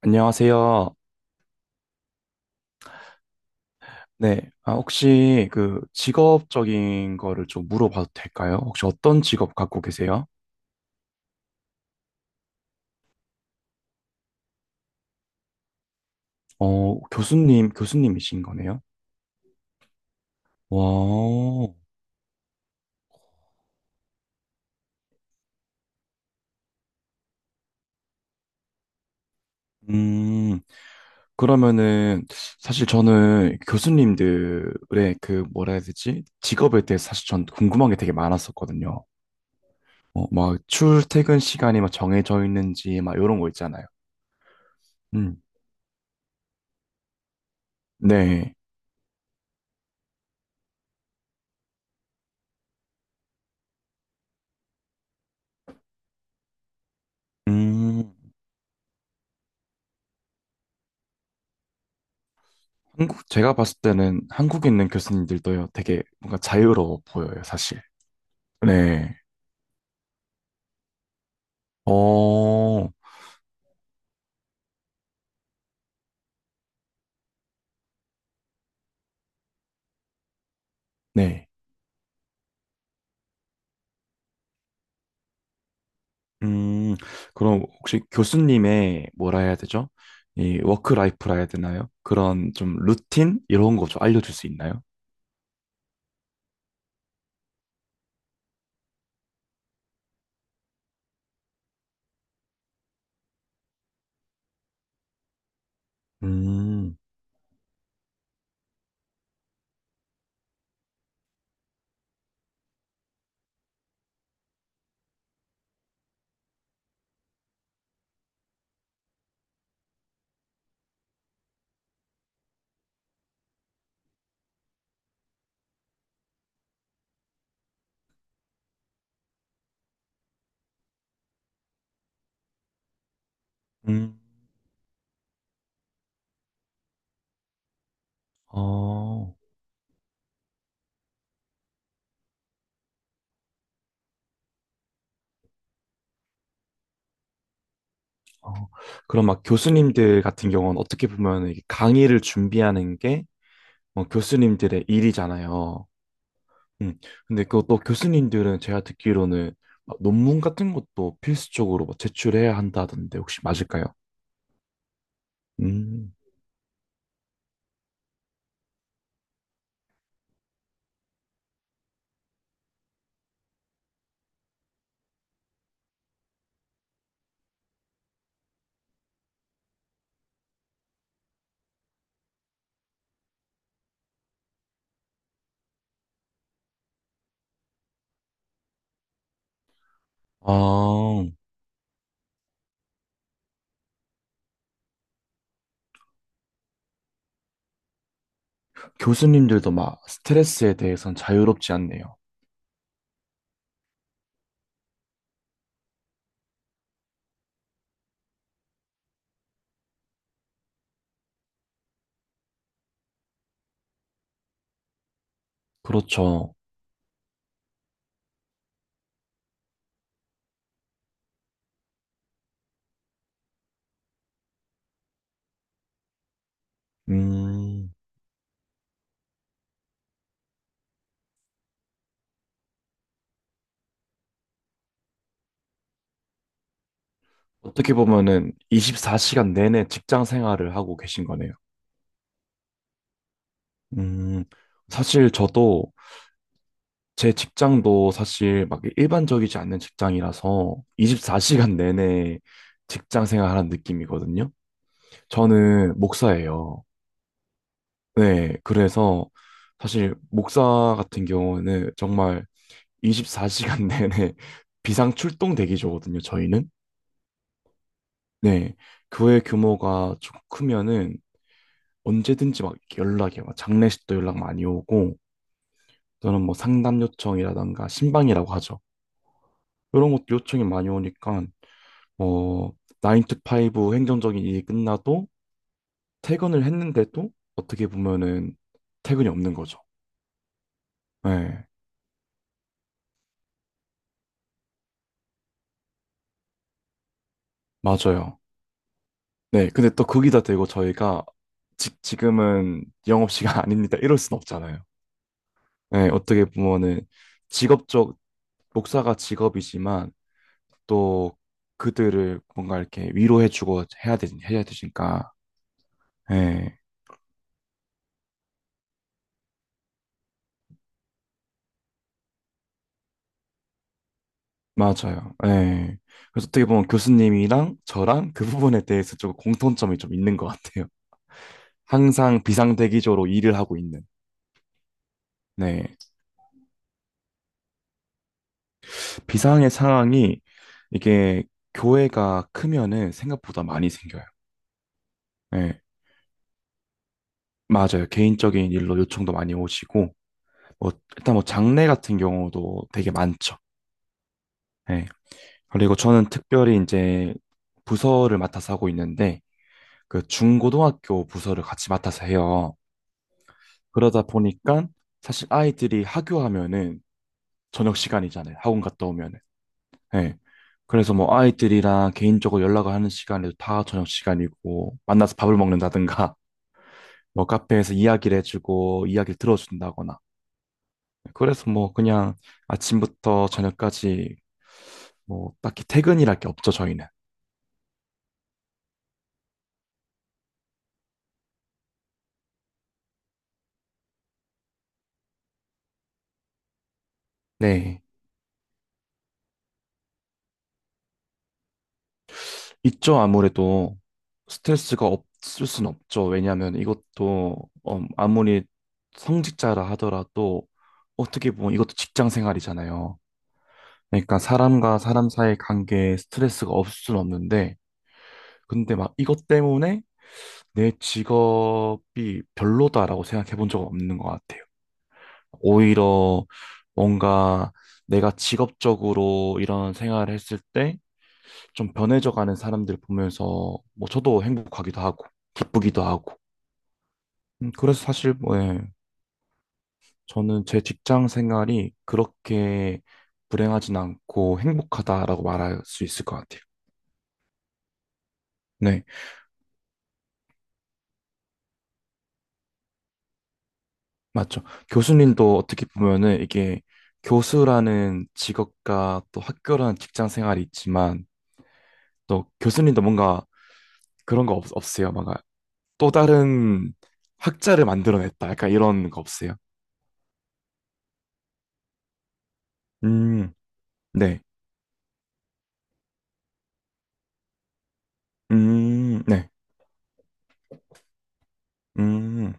안녕하세요. 네. 아, 혹시 그 직업적인 거를 좀 물어봐도 될까요? 혹시 어떤 직업 갖고 계세요? 교수님이신 거네요? 와, 음, 그러면은 사실 저는 교수님들의 그 뭐라 해야 되지? 직업에 대해서 사실 전 궁금한 게 되게 많았었거든요. 막 출퇴근 시간이 막 정해져 있는지 막 이런 거 있잖아요. 음, 네. 음, 한국 제가 봤을 때는 한국에 있는 교수님들도요, 되게 뭔가 자유로워 보여요, 사실. 네. 어, 네. 음, 그럼 혹시 교수님의 뭐라 해야 되죠? 이 워크라이프라 해야 되나요? 그런 좀 루틴 이런 거 좀 알려줄 수 있나요? 음, 음, 어, 어. 그럼 막 교수님들 같은 경우는 어떻게 보면 이게 강의를 준비하는 게 교수님들의 일이잖아요. 음. 근데 그것도 교수님들은 제가 듣기로는 막 논문 같은 것도 필수적으로 막 제출해야 한다던데 혹시 맞을까요? 음. 아, 교수님들도 막 스트레스에 대해선 자유롭지 않네요. 그렇죠. 음. 어떻게 보면은 24시간 내내 직장 생활을 하고 계신 거네요. 음. 사실 저도 제 직장도 사실 막 일반적이지 않는 직장이라서 24시간 내내 직장 생활하는 느낌이거든요. 저는 목사예요. 네, 그래서 사실 목사 같은 경우는 정말 24시간 내내 비상 출동 대기조거든요, 저희는. 네, 교회 규모가 좀 크면은 언제든지 막 이렇게 연락이 막 장례식도 연락 많이 오고 저는 뭐 상담 요청이라던가 신방이라고 하죠. 이런 것도 요청이 많이 오니까 어, 9 to 5 행정적인 일이 끝나도 퇴근을 했는데도 어떻게 보면은 퇴근이 없는 거죠. 네, 맞아요. 네, 근데 또 거기다 대고 저희가 지금은 영업시간 아닙니다. 이럴 순 없잖아요. 네, 어떻게 보면은 직업적, 목사가 직업이지만 또 그들을 뭔가 이렇게 위로해주고 해야 되니까. 네, 맞아요. 네. 그래서 어떻게 보면 교수님이랑 저랑 그 부분에 대해서 좀 공통점이 좀 있는 것 같아요. 항상 비상대기조로 일을 하고 있는. 네. 비상의 상황이 이게 교회가 크면은 생각보다 많이 생겨요. 예, 맞아요. 개인적인 일로 요청도 많이 오시고, 뭐, 일단 뭐 장례 같은 경우도 되게 많죠. 예. 그리고 저는 특별히 이제 부서를 맡아서 하고 있는데, 그 중고등학교 부서를 같이 맡아서 해요. 그러다 보니까 사실 아이들이 학교하면은 저녁 시간이잖아요. 학원 갔다 오면은. 예. 그래서 뭐 아이들이랑 개인적으로 연락을 하는 시간에도 다 저녁 시간이고, 만나서 밥을 먹는다든가, 뭐 카페에서 이야기를 해주고, 이야기를 들어준다거나, 그래서 뭐 그냥 아침부터 저녁까지 뭐 딱히 퇴근이랄 게 없죠, 저희는. 네. 있죠, 아무래도 스트레스가 없을 순 없죠. 왜냐하면 이것도 아무리 성직자라 하더라도 어떻게 보면 이것도 직장 생활이잖아요. 그러니까 사람과 사람 사이의 관계에 스트레스가 없을 순 없는데 근데 막 이것 때문에 내 직업이 별로다라고 생각해 본 적은 없는 것 같아요. 오히려 뭔가 내가 직업적으로 이런 생활을 했을 때 좀 변해져 가는 사람들 보면서 뭐 저도 행복하기도 하고 기쁘기도 하고 그래서 사실 뭐 예, 저는 제 직장 생활이 그렇게 불행하진 않고 행복하다라고 말할 수 있을 것 같아요. 네, 맞죠. 교수님도 어떻게 보면은 이게 교수라는 직업과 또 학교라는 직장 생활이 있지만 또 교수님도 뭔가 그런 거 없으세요? 막 또 다른 학자를 만들어냈다. 약간 이런 거 없어요? 음, 네. 네. 음,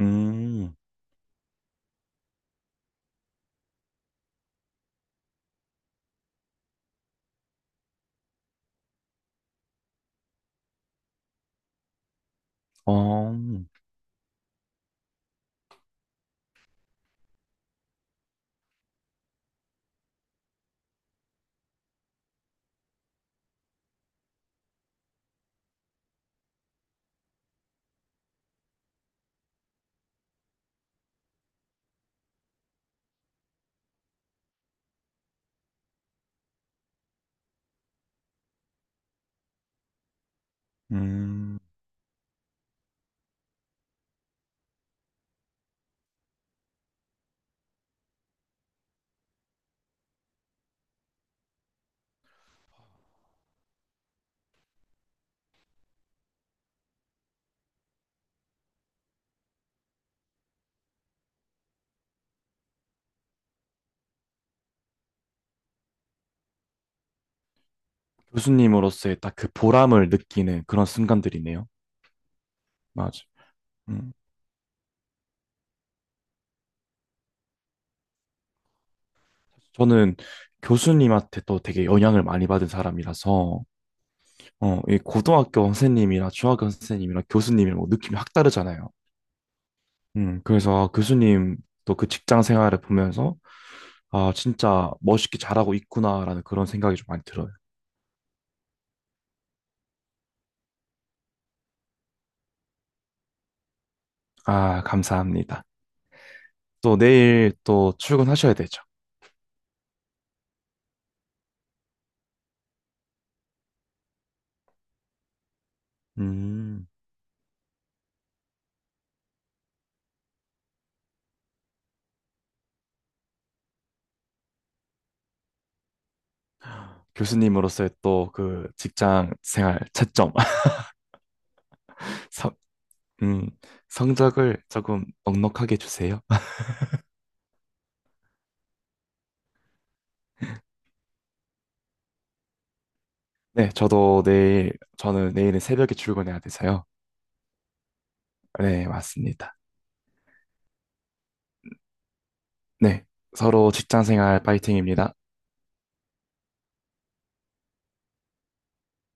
음, 어, 음, 교수님으로서의 딱 그 보람을 느끼는 그런 순간들이네요. 맞아. 음, 저는 교수님한테 또 되게 영향을 많이 받은 사람이라서 이 고등학교 선생님이나 중학교 선생님이나 교수님이 뭐 느낌이 확 다르잖아요. 그래서 아, 교수님 또 그 직장 생활을 보면서 아, 진짜 멋있게 잘하고 있구나라는 그런 생각이 좀 많이 들어요. 아, 감사합니다. 또 내일 또 출근하셔야 되죠. 음, 교수님으로서의 또 그 직장 생활 채점, 성, 음, 성적을 조금 넉넉하게 주세요. 네, 저도 내일, 저는 내일은 새벽에 출근해야 돼서요. 네, 맞습니다. 네, 서로 직장 생활 파이팅입니다.